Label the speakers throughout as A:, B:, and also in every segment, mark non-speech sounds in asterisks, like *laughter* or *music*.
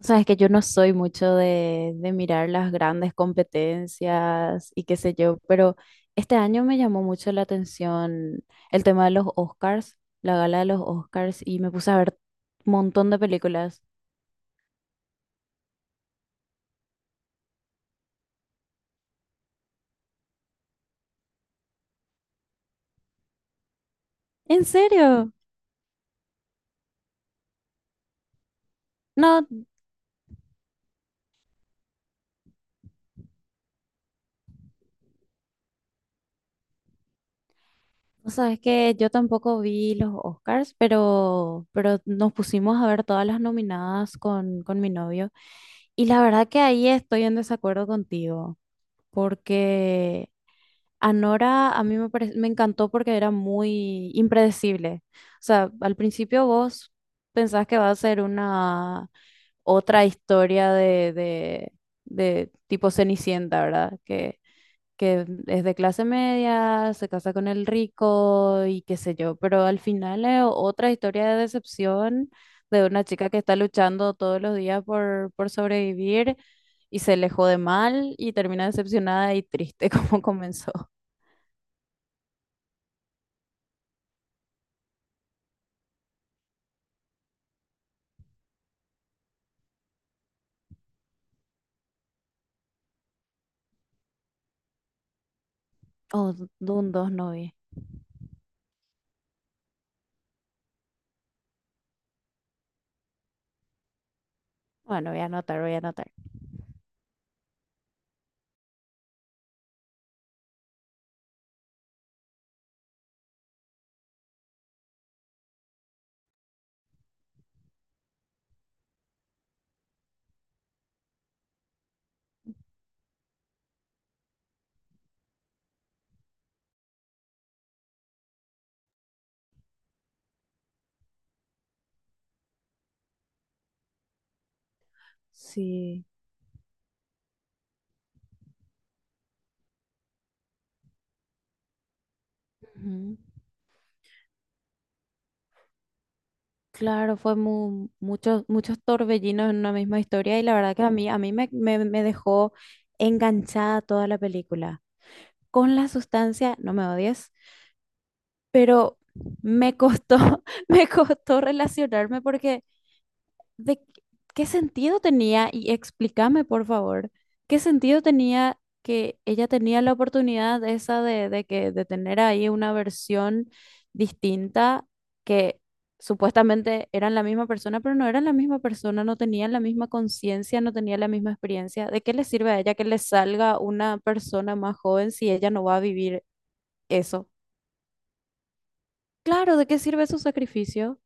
A: Sabes que yo no soy mucho de mirar las grandes competencias y qué sé yo, pero este año me llamó mucho la atención el tema de los Oscars, la gala de los Oscars, y me puse a ver un montón de películas. ¿En serio? No, sabes que yo tampoco vi los Oscars, pero nos pusimos a ver todas las nominadas con mi novio. Y la verdad que ahí estoy en desacuerdo contigo, porque... Anora a mí me encantó porque era muy impredecible. O sea, al principio vos pensás que va a ser una otra historia de tipo Cenicienta, ¿verdad? Que es de clase media, se casa con el rico y qué sé yo, pero al final es otra historia de decepción de una chica que está luchando todos los días por sobrevivir y se le jode mal y termina decepcionada y triste *laughs* como comenzó. Oh, Dune dos no vi. Bueno, voy a anotar, voy a anotar. Sí, ujú. Claro, fue mu- muchos, muchos torbellinos en una misma historia y la verdad que a mí me dejó enganchada toda la película. Con la sustancia, no me odies, pero me costó, *laughs* me costó relacionarme porque ¿De qué qué sentido tenía? Y explícame, por favor, ¿qué sentido tenía que ella tenía la oportunidad esa de de tener ahí una versión distinta que supuestamente eran la misma persona, pero no eran la misma persona, no tenían la misma conciencia, no tenían la misma experiencia? ¿De qué le sirve a ella que le salga una persona más joven si ella no va a vivir eso? Claro, ¿de qué sirve su sacrificio?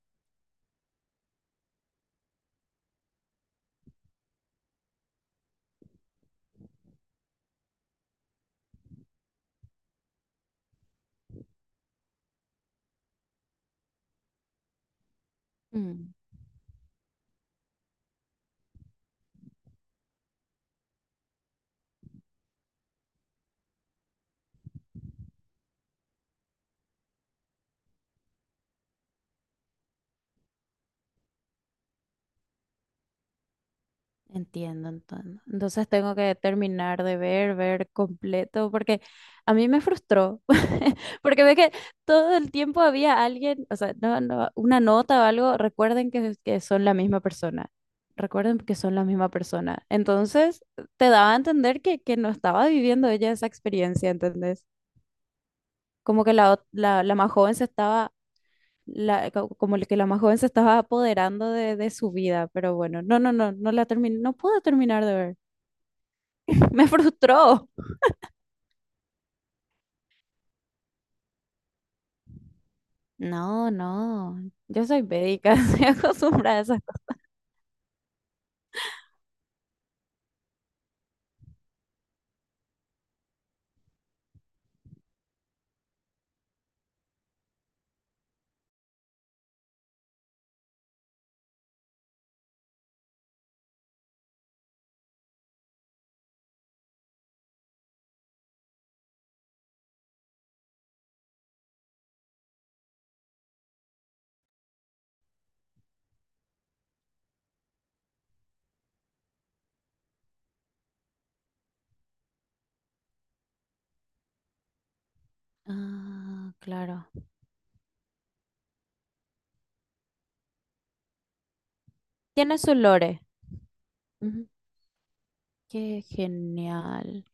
A: Mm. Entiendo, entiendo. Entonces tengo que terminar de ver, ver completo, porque a mí me frustró, *laughs* porque ve que todo el tiempo había alguien, o sea, no, no, una nota o algo, recuerden que son la misma persona, recuerden que son la misma persona. Entonces te daba a entender que no estaba viviendo ella esa experiencia, ¿entendés? Como que la más joven se estaba, como que la más joven se estaba apoderando de su vida, pero bueno, no, no la terminé, no pude terminar de ver. *laughs* Me frustró. No, no. Yo soy védica, *laughs* estoy acostumbrada a esas cosas. Ah, claro. Tiene su lore. Ujú. Qué genial.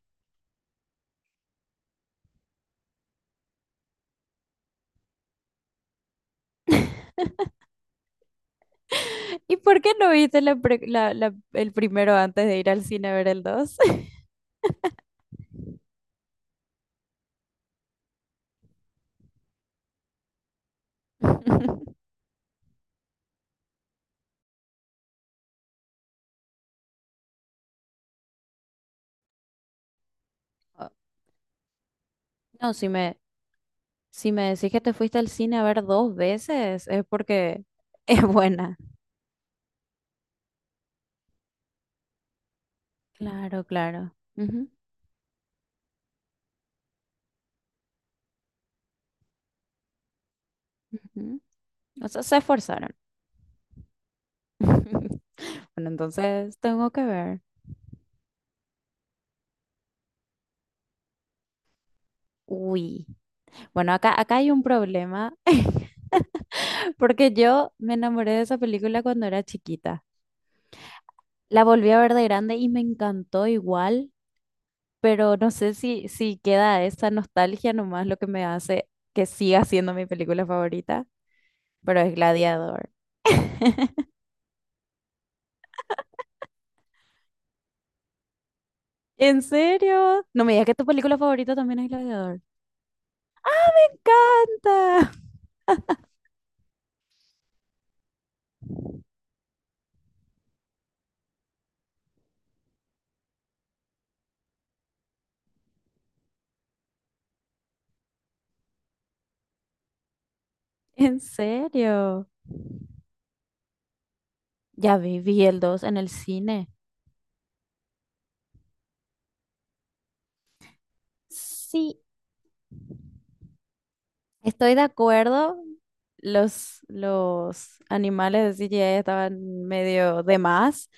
A: *laughs* ¿Y por qué no viste la pre- la- la- el primero antes de ir al cine a ver el 2? *laughs* Oh, No, si me decís que te fuiste al cine a ver dos veces, es porque *laughs* es buena. Claro, claro. Ujú, ujú. O sea, se esforzaron. *laughs* Bueno, entonces tengo que ver. Uy, bueno, acá hay un problema *laughs* porque yo me enamoré de esa película cuando era chiquita. La volví a ver de grande y me encantó igual, pero no sé si queda esa nostalgia nomás lo que me hace que siga siendo mi película favorita, pero es Gladiador. *laughs* ¿En serio? No me digas que tu película favorita también es Gladiador. ¡Canta! *laughs* ¿En serio? Ya vi, vi el 2 en el cine. Sí, estoy de acuerdo, los animales de CGI estaban medio de más,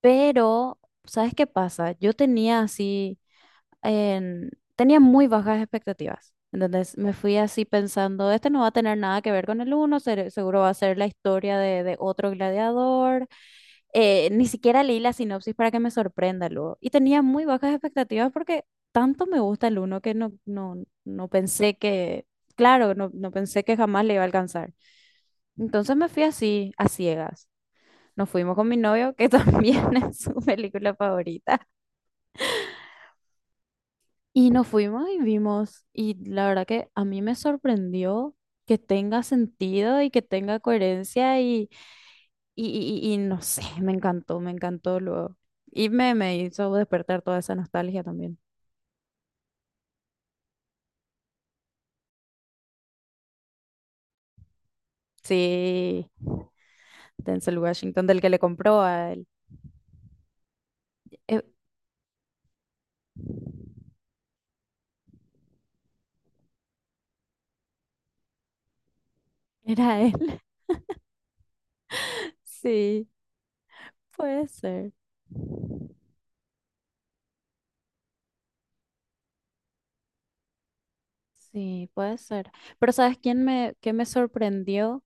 A: pero ¿sabes qué pasa? Yo tenía así en- tenía muy bajas expectativas. Entonces me fui así pensando, este no va a tener nada que ver con el uno, seguro va a ser la historia de otro gladiador. Ni siquiera leí la sinopsis para que me sorprenda luego. Y tenía muy bajas expectativas porque tanto me gusta el uno que no pensé que, claro, no, no pensé que jamás le iba a alcanzar. Entonces me fui así, a ciegas. Nos fuimos con mi novio, que *laughs* también es su película favorita. Y nos fuimos y vimos, y la verdad que a mí me sorprendió que tenga sentido y que tenga coherencia y, y y no sé, me encantó luego. Y me hizo despertar toda esa nostalgia también. Sí, Denzel Washington, del que le compró a él. Eh, ¿Era él? *laughs* Sí, puede ser. Sí, puede ser. Pero ¿sabes qué me sorprendió?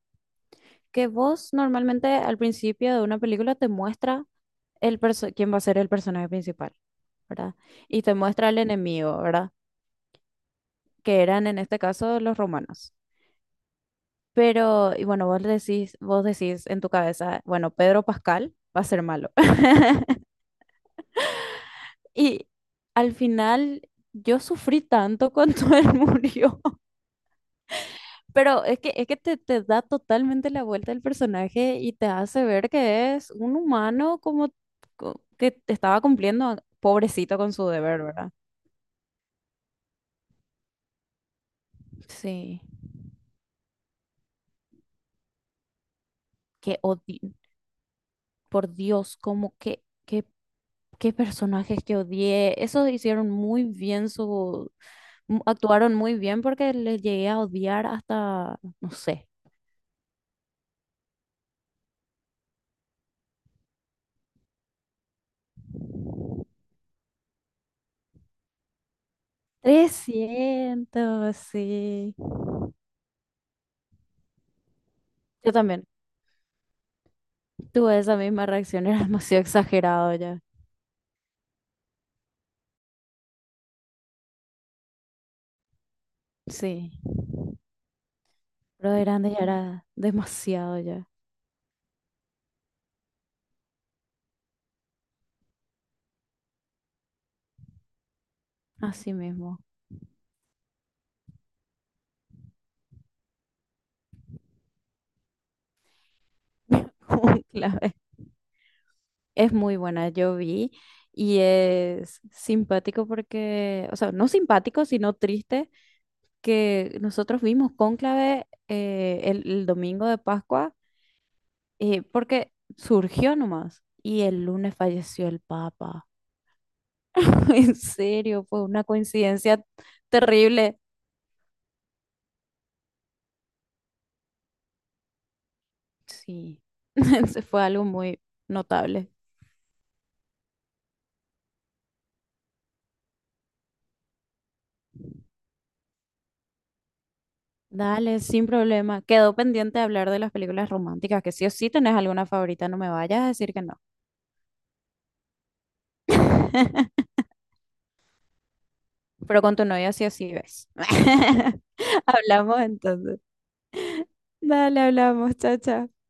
A: Que vos normalmente al principio de una película te muestra quién va a ser el personaje principal, ¿verdad? Y te muestra al enemigo, ¿verdad? Que eran en este caso los romanos. Pero, y bueno, vos decís en tu cabeza, bueno, Pedro Pascal va a ser malo. *laughs* Y al final yo sufrí tanto cuando él murió. *laughs* Pero es que te da totalmente la vuelta el personaje y te hace ver que es un humano como que estaba cumpliendo, pobrecito, con su deber, ¿verdad? Sí, que odio. Por Dios, como que, qué, qué personajes que odié. Esos hicieron muy bien su, actuaron muy bien porque les llegué a odiar hasta, no sé, 300 sí. Yo también tuve esa misma reacción, era *laughs* demasiado exagerado ya. Sí, pero de grande ya era demasiado ya, así mismo. *laughs* Un clave. Es muy buena, yo vi y es simpático porque, o sea, no simpático, sino triste que nosotros vimos Cónclave, el domingo de Pascua, porque surgió nomás. Y el lunes falleció el Papa. *laughs* En serio, fue una coincidencia terrible. Sí, *laughs* fue algo muy notable. Dale, sin problema. Quedó pendiente de hablar de las películas románticas, que sí o sí tenés alguna favorita, no me vayas a decir que no. *laughs* Pero con tu novia sí o sí ves. *laughs* Hablamos entonces. Dale, hablamos. Chao, chao.